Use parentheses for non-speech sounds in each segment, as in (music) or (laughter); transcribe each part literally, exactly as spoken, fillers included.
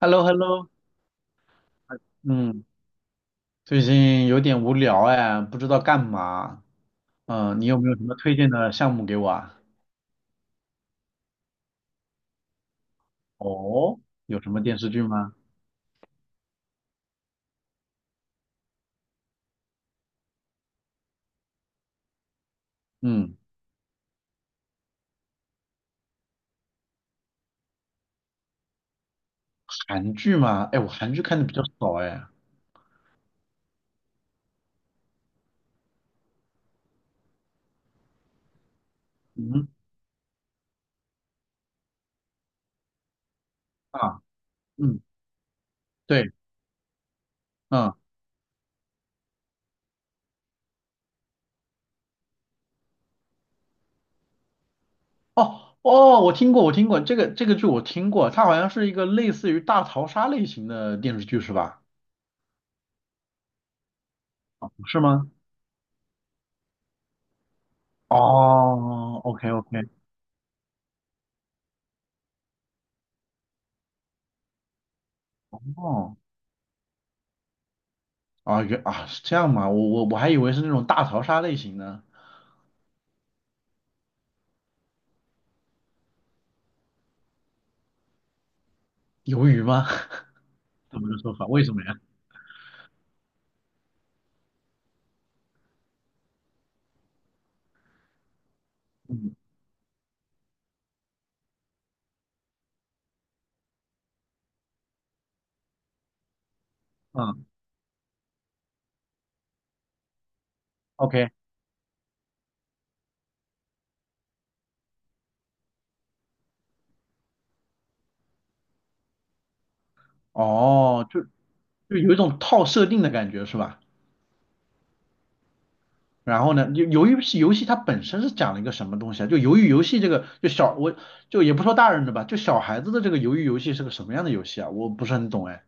h e l l o h e l l o 嗯，最近有点无聊哎，不知道干嘛。嗯，你有没有什么推荐的项目给我啊？哦，有什么电视剧吗？嗯，韩剧吗？哎，我韩剧看的比较少哎。嗯啊，嗯，对，嗯，哦哦，我听过，我听过这个这个剧，我听过，它好像是一个类似于大逃杀类型的电视剧是吧？是吗？哦，OK OK，哦，啊原啊是这样吗？我我我还以为是那种大逃杀类型呢。鱿鱼吗？(laughs) 怎么个说法？为什么呀？嗯嗯，OK，哦，就就有一种套设定的感觉是吧？然后呢，就鱿鱼是游戏它本身是讲了一个什么东西啊？就鱿鱼游戏这个，就小我就也不说大人的吧，就小孩子的这个鱿鱼游戏是个什么样的游戏啊？我不是很懂哎，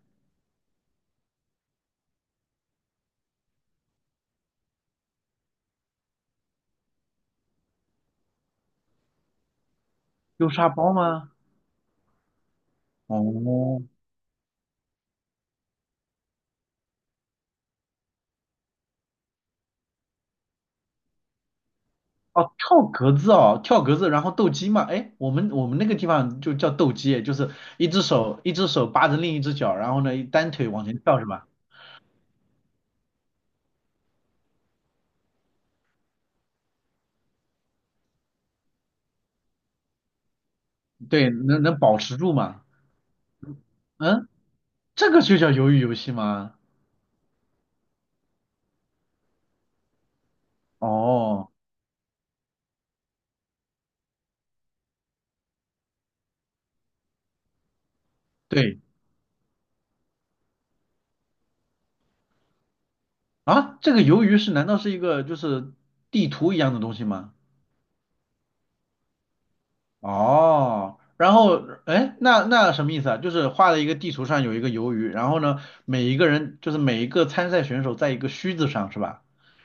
丢沙包吗？哦哦，跳格子哦，跳格子，然后斗鸡嘛，哎，我们我们那个地方就叫斗鸡，就是一只手一只手扒着另一只脚，然后呢单腿往前跳是吧？对，能能保持住吗？嗯，这个就叫鱿鱼游戏吗？哦，对啊，这个鱿鱼是难道是一个就是地图一样的东西吗？哦，然后哎，那那什么意思啊？就是画了一个地图上有一个鱿鱼，然后呢，每一个人就是每一个参赛选手在一个须子上是吧？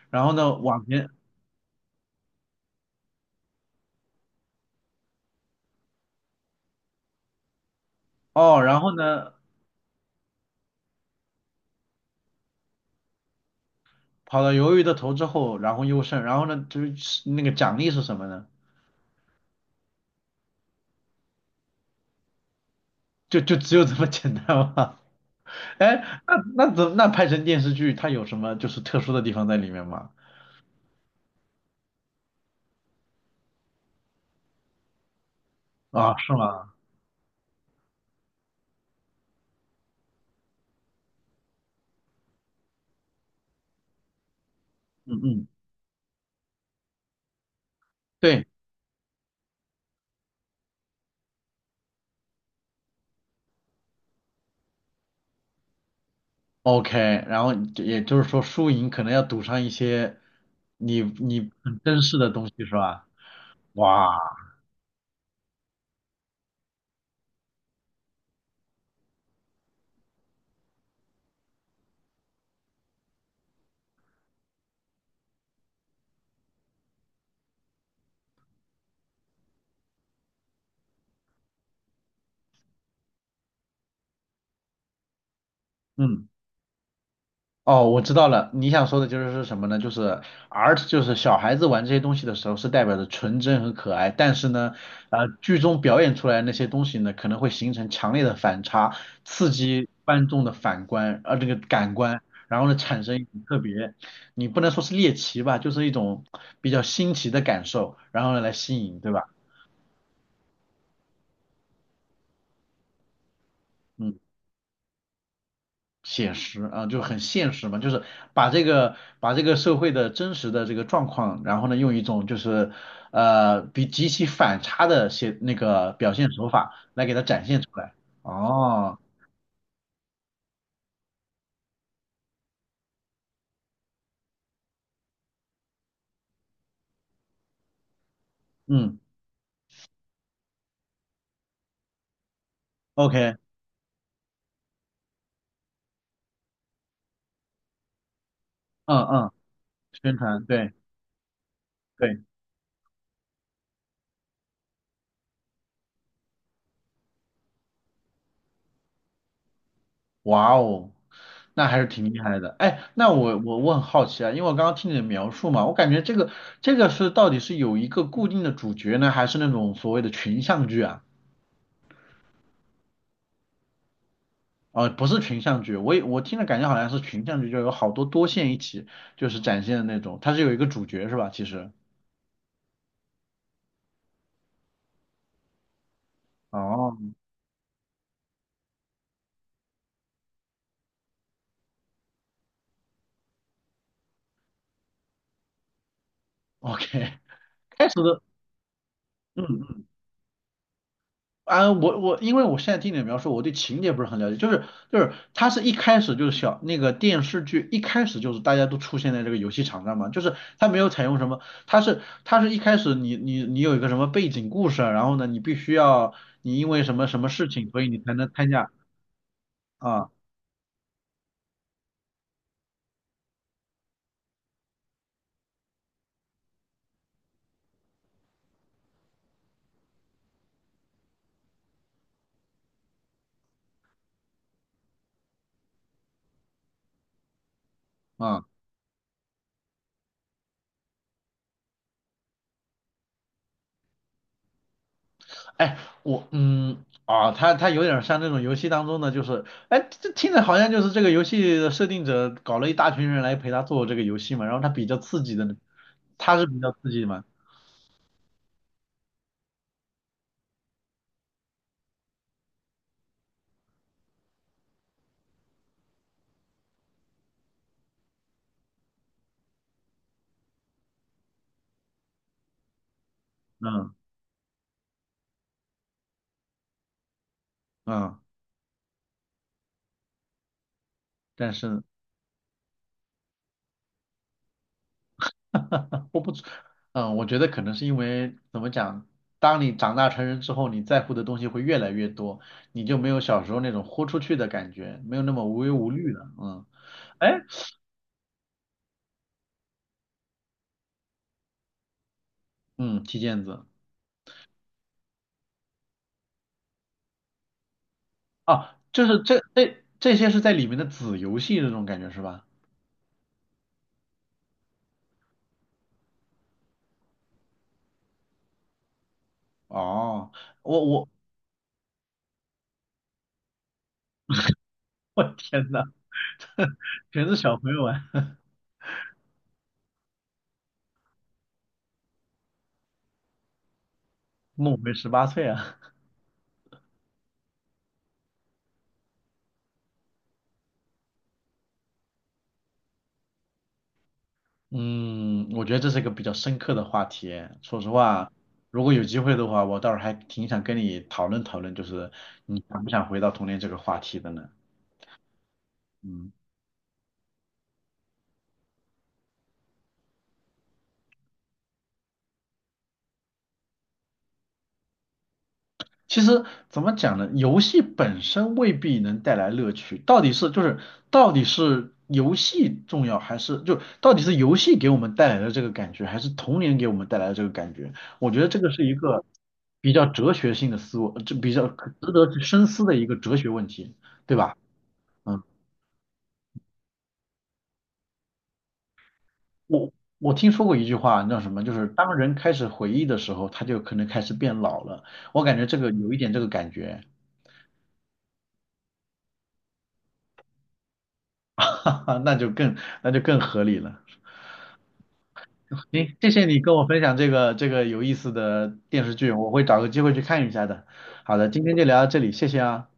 然后呢往前哦，然后呢跑到鱿鱼的头之后，然后优胜，然后呢就是那个奖励是什么呢？就就只有这么简单吗？(laughs) 哎，那那怎那拍成电视剧，它有什么就是特殊的地方在里面吗？啊，是吗？嗯嗯，对，OK，然后就也就是说输赢可能要赌上一些你你很珍视的东西是吧？哇，嗯。哦，我知道了，你想说的就是是什么呢？就是 art，就是小孩子玩这些东西的时候是代表着纯真和可爱，但是呢，呃，剧中表演出来的那些东西呢，可能会形成强烈的反差，刺激观众的反观，呃，这个感官，然后呢，产生一种特别，你不能说是猎奇吧，就是一种比较新奇的感受，然后呢，来吸引，对吧？嗯。写实啊，就很现实嘛，就是把这个把这个社会的真实的这个状况，然后呢，用一种就是呃比极其反差的写那个表现手法来给它展现出来。哦，嗯，OK，嗯嗯，宣传，对对，哇哦，那还是挺厉害的。哎，那我我我很好奇啊，因为我刚刚听你的描述嘛，我感觉这个这个是到底是有一个固定的主角呢，还是那种所谓的群像剧啊？哦，不是群像剧，我也我听着感觉好像是群像剧，就有好多多线一起就是展现的那种，它是有一个主角是吧？其实，哦，OK，(laughs) 开始的，嗯嗯，啊，我我因为我现在听你的描述，我对情节不是很了解，就是就是它是一开始就是小那个电视剧一开始就是大家都出现在这个游戏场上嘛，就是它没有采用什么，它是它是一开始你你你有一个什么背景故事啊，然后呢你必须要你因为什么什么事情，所以你才能参加啊啊。哎，我嗯啊，他他有点像那种游戏当中的，就是哎，这听着好像就是这个游戏的设定者搞了一大群人来陪他做这个游戏嘛，然后他比较刺激的，他是比较刺激的嘛，嗯嗯，但是 (laughs) 我不知，嗯，我觉得可能是因为怎么讲，当你长大成人之后，你在乎的东西会越来越多，你就没有小时候那种豁出去的感觉，没有那么无忧无虑了，嗯，哎，嗯，踢毽子。啊，就是这这这些是在里面的子游戏这种感觉是吧？哦，我我我天呐，全是小朋友玩，(laughs) 梦回十八岁啊。嗯，我觉得这是一个比较深刻的话题。说实话，如果有机会的话，我倒是还挺想跟你讨论讨论，就是你想不想回到童年这个话题的呢？嗯。其实怎么讲呢？游戏本身未必能带来乐趣，到底是就是到底是游戏重要，还是就到底是游戏给我们带来的这个感觉，还是童年给我们带来的这个感觉？我觉得这个是一个比较哲学性的思维，这比较可值得去深思的一个哲学问题，对吧？嗯，我我听说过一句话，叫什么？就是当人开始回忆的时候，他就可能开始变老了。我感觉这个有一点这个感觉，(laughs) 哈哈，那就更那就更合理了。(laughs) 行，谢谢你跟我分享这个这个有意思的电视剧，我会找个机会去看一下的。好的，今天就聊到这里，谢谢啊。